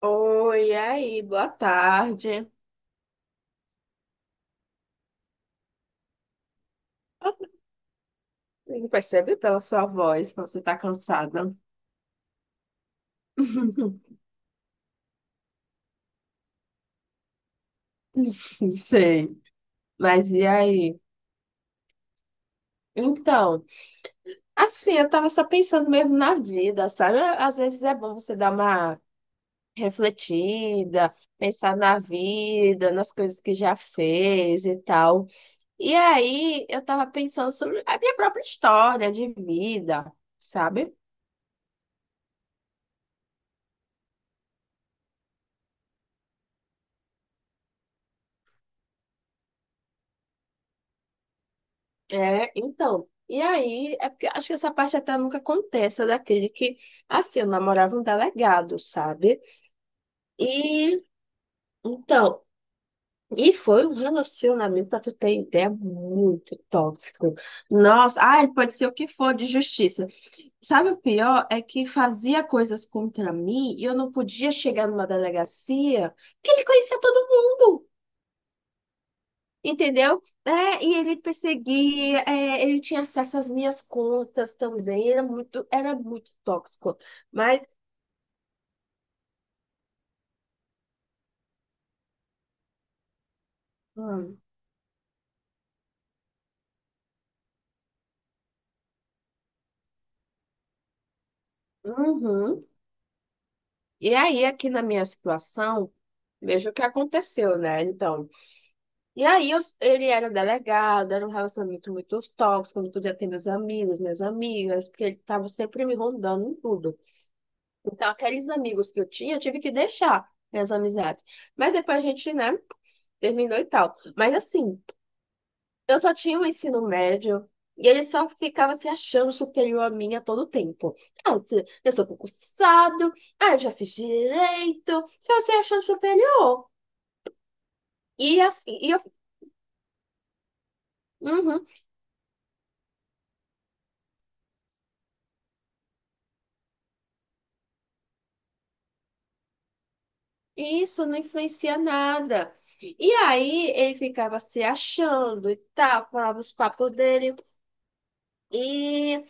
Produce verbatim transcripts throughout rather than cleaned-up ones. Oi, e aí, boa tarde. Amigo, percebe pela sua voz que você tá cansada. Sei, mas e aí? Então, assim, eu tava só pensando mesmo na vida, sabe? Às vezes é bom você dar uma refletida, pensar na vida, nas coisas que já fez e tal. E aí, eu tava pensando sobre a minha própria história de vida, sabe? É, então. E aí, é porque acho que essa parte até nunca acontece, é daquele que, assim, eu namorava um delegado, sabe? E, então, e foi um relacionamento, pra tu ter ideia, muito tóxico. Nossa, ah, ele pode ser o que for de justiça. Sabe o pior? É que fazia coisas contra mim e eu não podia chegar numa delegacia que ele conhecia todo mundo. Entendeu? É, e ele perseguia, é, ele tinha acesso às minhas contas também, era muito, era muito tóxico. Mas, hum, uhum. E aí, aqui na minha situação, veja o que aconteceu, né? Então, e aí eu- ele era delegado, era um relacionamento muito tóxico, eu não podia ter meus amigos, minhas amigas, porque ele estava sempre me rondando em tudo. Então, aqueles amigos que eu tinha, eu tive que deixar minhas amizades. Mas depois a gente, né, terminou e tal. Mas assim. Eu só tinha o ensino médio e ele só ficava se achando superior a mim a todo tempo. Ah, se- eu sou concursado, ah, eu já fiz direito, já se achando superior. E assim, e eu, uhum, e isso não influencia nada. E aí ele ficava se achando e tal, falava os papos dele. E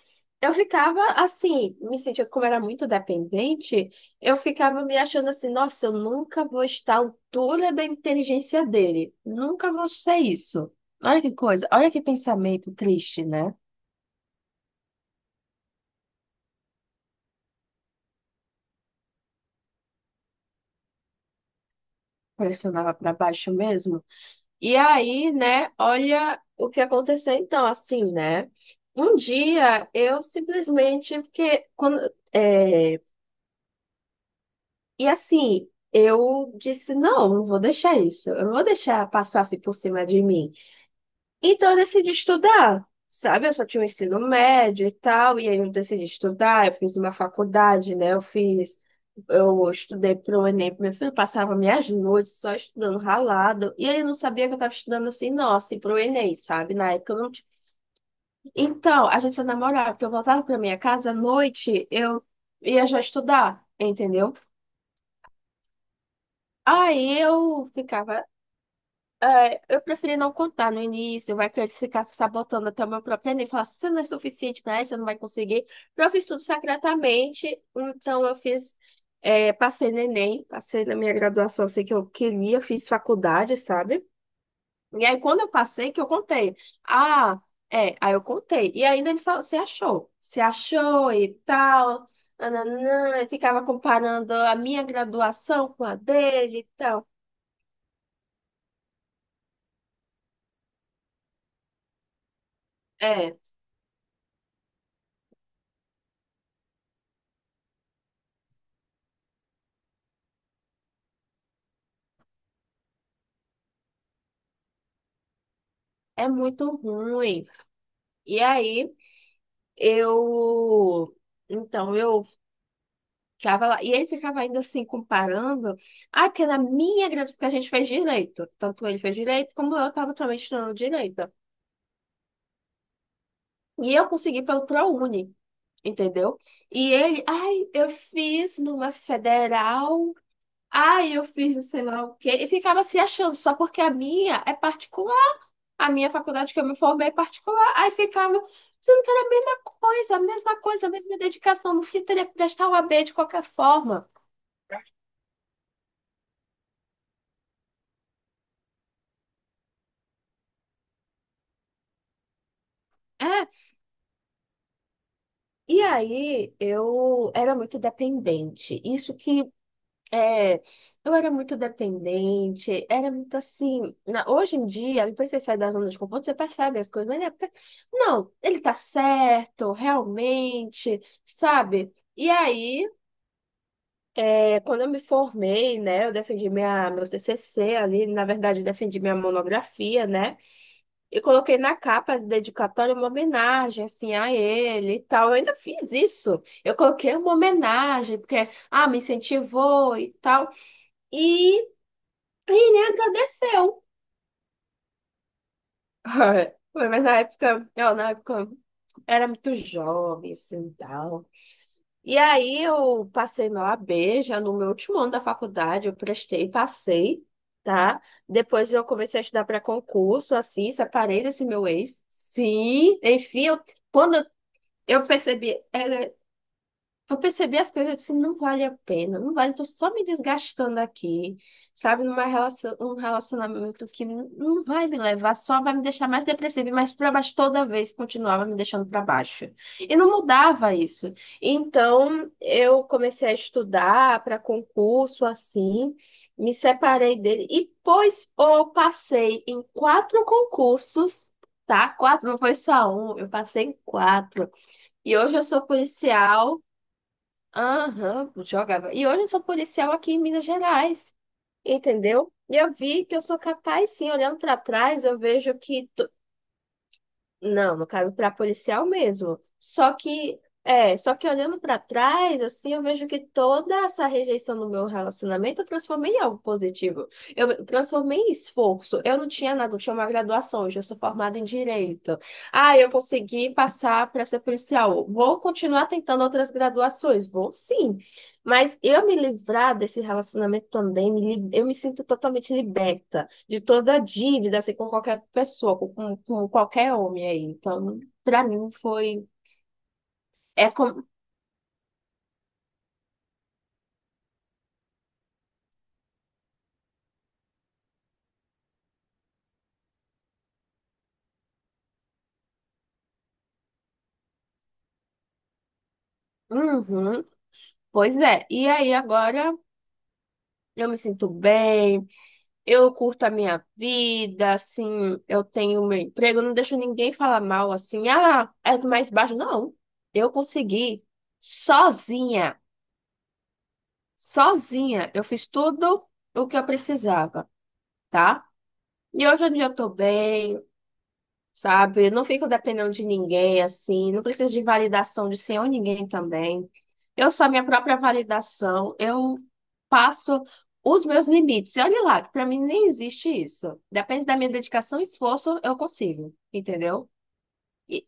eu ficava assim, me sentia como era muito dependente, eu ficava me achando assim, nossa, eu nunca vou estar à altura da inteligência dele, nunca vou ser isso. Olha que coisa, olha que pensamento triste, né? Pressionava para baixo mesmo. E aí, né, olha o que aconteceu então, assim, né? Um dia eu simplesmente, porque quando, é, e assim, eu disse, não, não vou deixar isso, eu não vou deixar passar assim por cima de mim. Então eu decidi estudar, sabe? Eu só tinha o ensino médio e tal, e aí eu decidi estudar, eu fiz uma faculdade, né? Eu fiz, eu estudei pro Enem, pro meu filho passava minhas noites só estudando ralado, e ele não sabia que eu estava estudando assim, nossa assim, pro Enem, sabe? Na época eu não tinha. Então, a gente só namorava, porque eu voltava pra minha casa à noite, eu ia já estudar, entendeu? Aí eu ficava. Eu preferi não contar no início, vai que eu ficar se sabotando até o meu próprio Enem, falar, você não é suficiente para isso, você não vai conseguir. Eu fiz tudo secretamente, então eu fiz, eh, passei no Enem, passei na minha graduação, sei que eu queria, fiz faculdade, sabe? E aí, quando eu passei, que eu contei. Ah, é, aí eu contei. E ainda ele falou, você achou? Você achou e tal, nananã, e ficava comparando a minha graduação com a dele e tal. É, é muito ruim. E aí, eu. Então, eu ficava lá. E ele ficava ainda assim, comparando. Ah, porque na minha gravidez, porque a gente fez direito. Tanto ele fez direito, como eu estava também estudando direito. E eu consegui pelo ProUni, entendeu? E ele, ai, eu fiz numa federal. Ai, eu fiz não sei lá o quê. E ficava se achando, só porque a minha é particular. A minha faculdade que eu me formei é particular, aí ficava dizendo que era a mesma coisa, a mesma coisa, a mesma dedicação. No fim, teria que prestar o A B de qualquer forma. É, e aí eu era muito dependente. Isso que é, eu era muito dependente, era muito assim. Na- hoje em dia, depois que você sai da zona de conforto, você percebe as coisas, mas na época, não, ele tá certo, realmente, sabe? E aí é, quando eu me formei, né, eu defendi minha, meu T C C ali, na verdade, eu defendi minha monografia, né, e coloquei na capa de dedicatória uma homenagem, assim, a ele e tal. Eu ainda fiz isso. Eu coloquei uma homenagem, porque, ah, me incentivou e tal. E ele agradeceu. Foi. Mas na época, eu, na época, era muito jovem, assim, tal. E aí eu passei na O A B, já no meu último ano da faculdade, eu prestei, passei, tá? Depois eu comecei a estudar para concurso, assim, separei desse meu ex. Sim, enfim, eu- quando eu percebi, é, eu percebi as coisas, eu disse, não vale a pena, não vale, tô só me desgastando aqui, sabe, numa relação, um relacionamento que n- não vai me levar, só vai me deixar mais depressiva e mais para baixo toda vez, continuava me deixando para baixo. E não mudava isso. Então, eu comecei a estudar para concurso, assim, me separei dele, e pois eu passei em quatro concursos, tá? Quatro, não foi só um, eu passei em quatro. E hoje eu sou policial. Aham, jogava. E hoje eu sou policial aqui em Minas Gerais, entendeu? E eu vi que eu sou capaz, sim. Olhando para trás, eu vejo que não, no caso para policial mesmo. Só que é, só que olhando para trás, assim, eu vejo que toda essa rejeição no meu relacionamento eu transformei em algo positivo. Eu transformei em esforço. Eu não tinha nada, eu tinha uma graduação, hoje eu sou formada em direito. Ah, eu consegui passar para ser policial. Vou continuar tentando outras graduações, vou sim. Mas eu me livrar desse relacionamento também, me li- eu me sinto totalmente liberta de toda a dívida, assim, com qualquer pessoa, com, com- com qualquer homem aí. Então, pra mim foi. É como. Uhum, pois é. E aí agora eu me sinto bem, eu curto a minha vida, assim, eu tenho meu emprego, eu não deixo ninguém falar mal, assim, ah, é do mais baixo. Não, eu consegui sozinha, sozinha. Eu fiz tudo o que eu precisava, tá? E hoje em dia eu tô bem. Sabe? Eu não fico dependendo de ninguém assim, não preciso de validação de senhor ninguém também. Eu sou a minha própria validação, eu passo os meus limites. E olha lá, que para mim nem existe isso. Depende da minha dedicação e esforço, eu consigo, entendeu? E,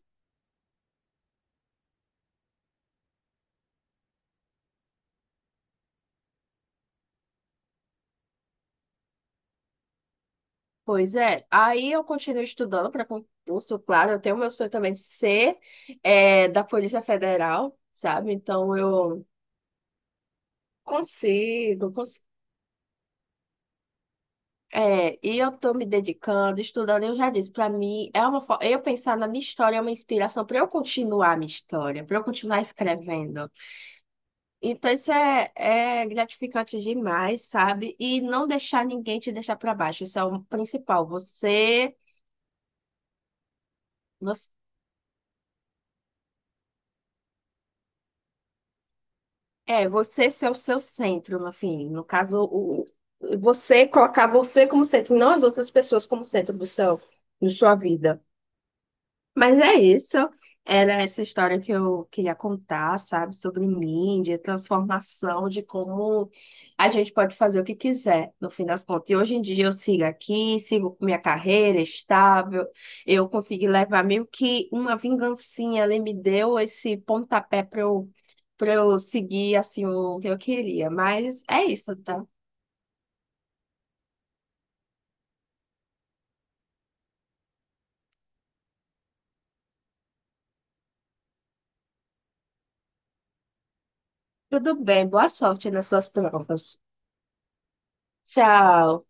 pois é, aí eu continuo estudando para concurso, claro, eu tenho meu sonho também de ser é, da Polícia Federal, sabe? Então eu consigo, consigo. É, e eu tô me dedicando, estudando, eu já disse, para mim é uma forma, eu pensar na minha história é uma inspiração para eu continuar a minha história, para eu continuar escrevendo. Então isso é, é gratificante demais, sabe? E não deixar ninguém te deixar para baixo, isso é o principal. Você, você, é, você ser o seu centro, no fim, no caso, o, o- você colocar você como centro, não as outras pessoas como centro do seu, da sua vida. Mas é isso. Era essa história que eu queria contar, sabe? Sobre mídia, transformação, de como a gente pode fazer o que quiser, no fim das contas. E hoje em dia eu sigo aqui, sigo com minha carreira estável. Eu consegui levar meio que uma vingancinha ali, me deu esse pontapé para eu, para eu seguir assim o que eu queria. Mas é isso, tá? Tudo bem, boa sorte nas suas provas. Tchau.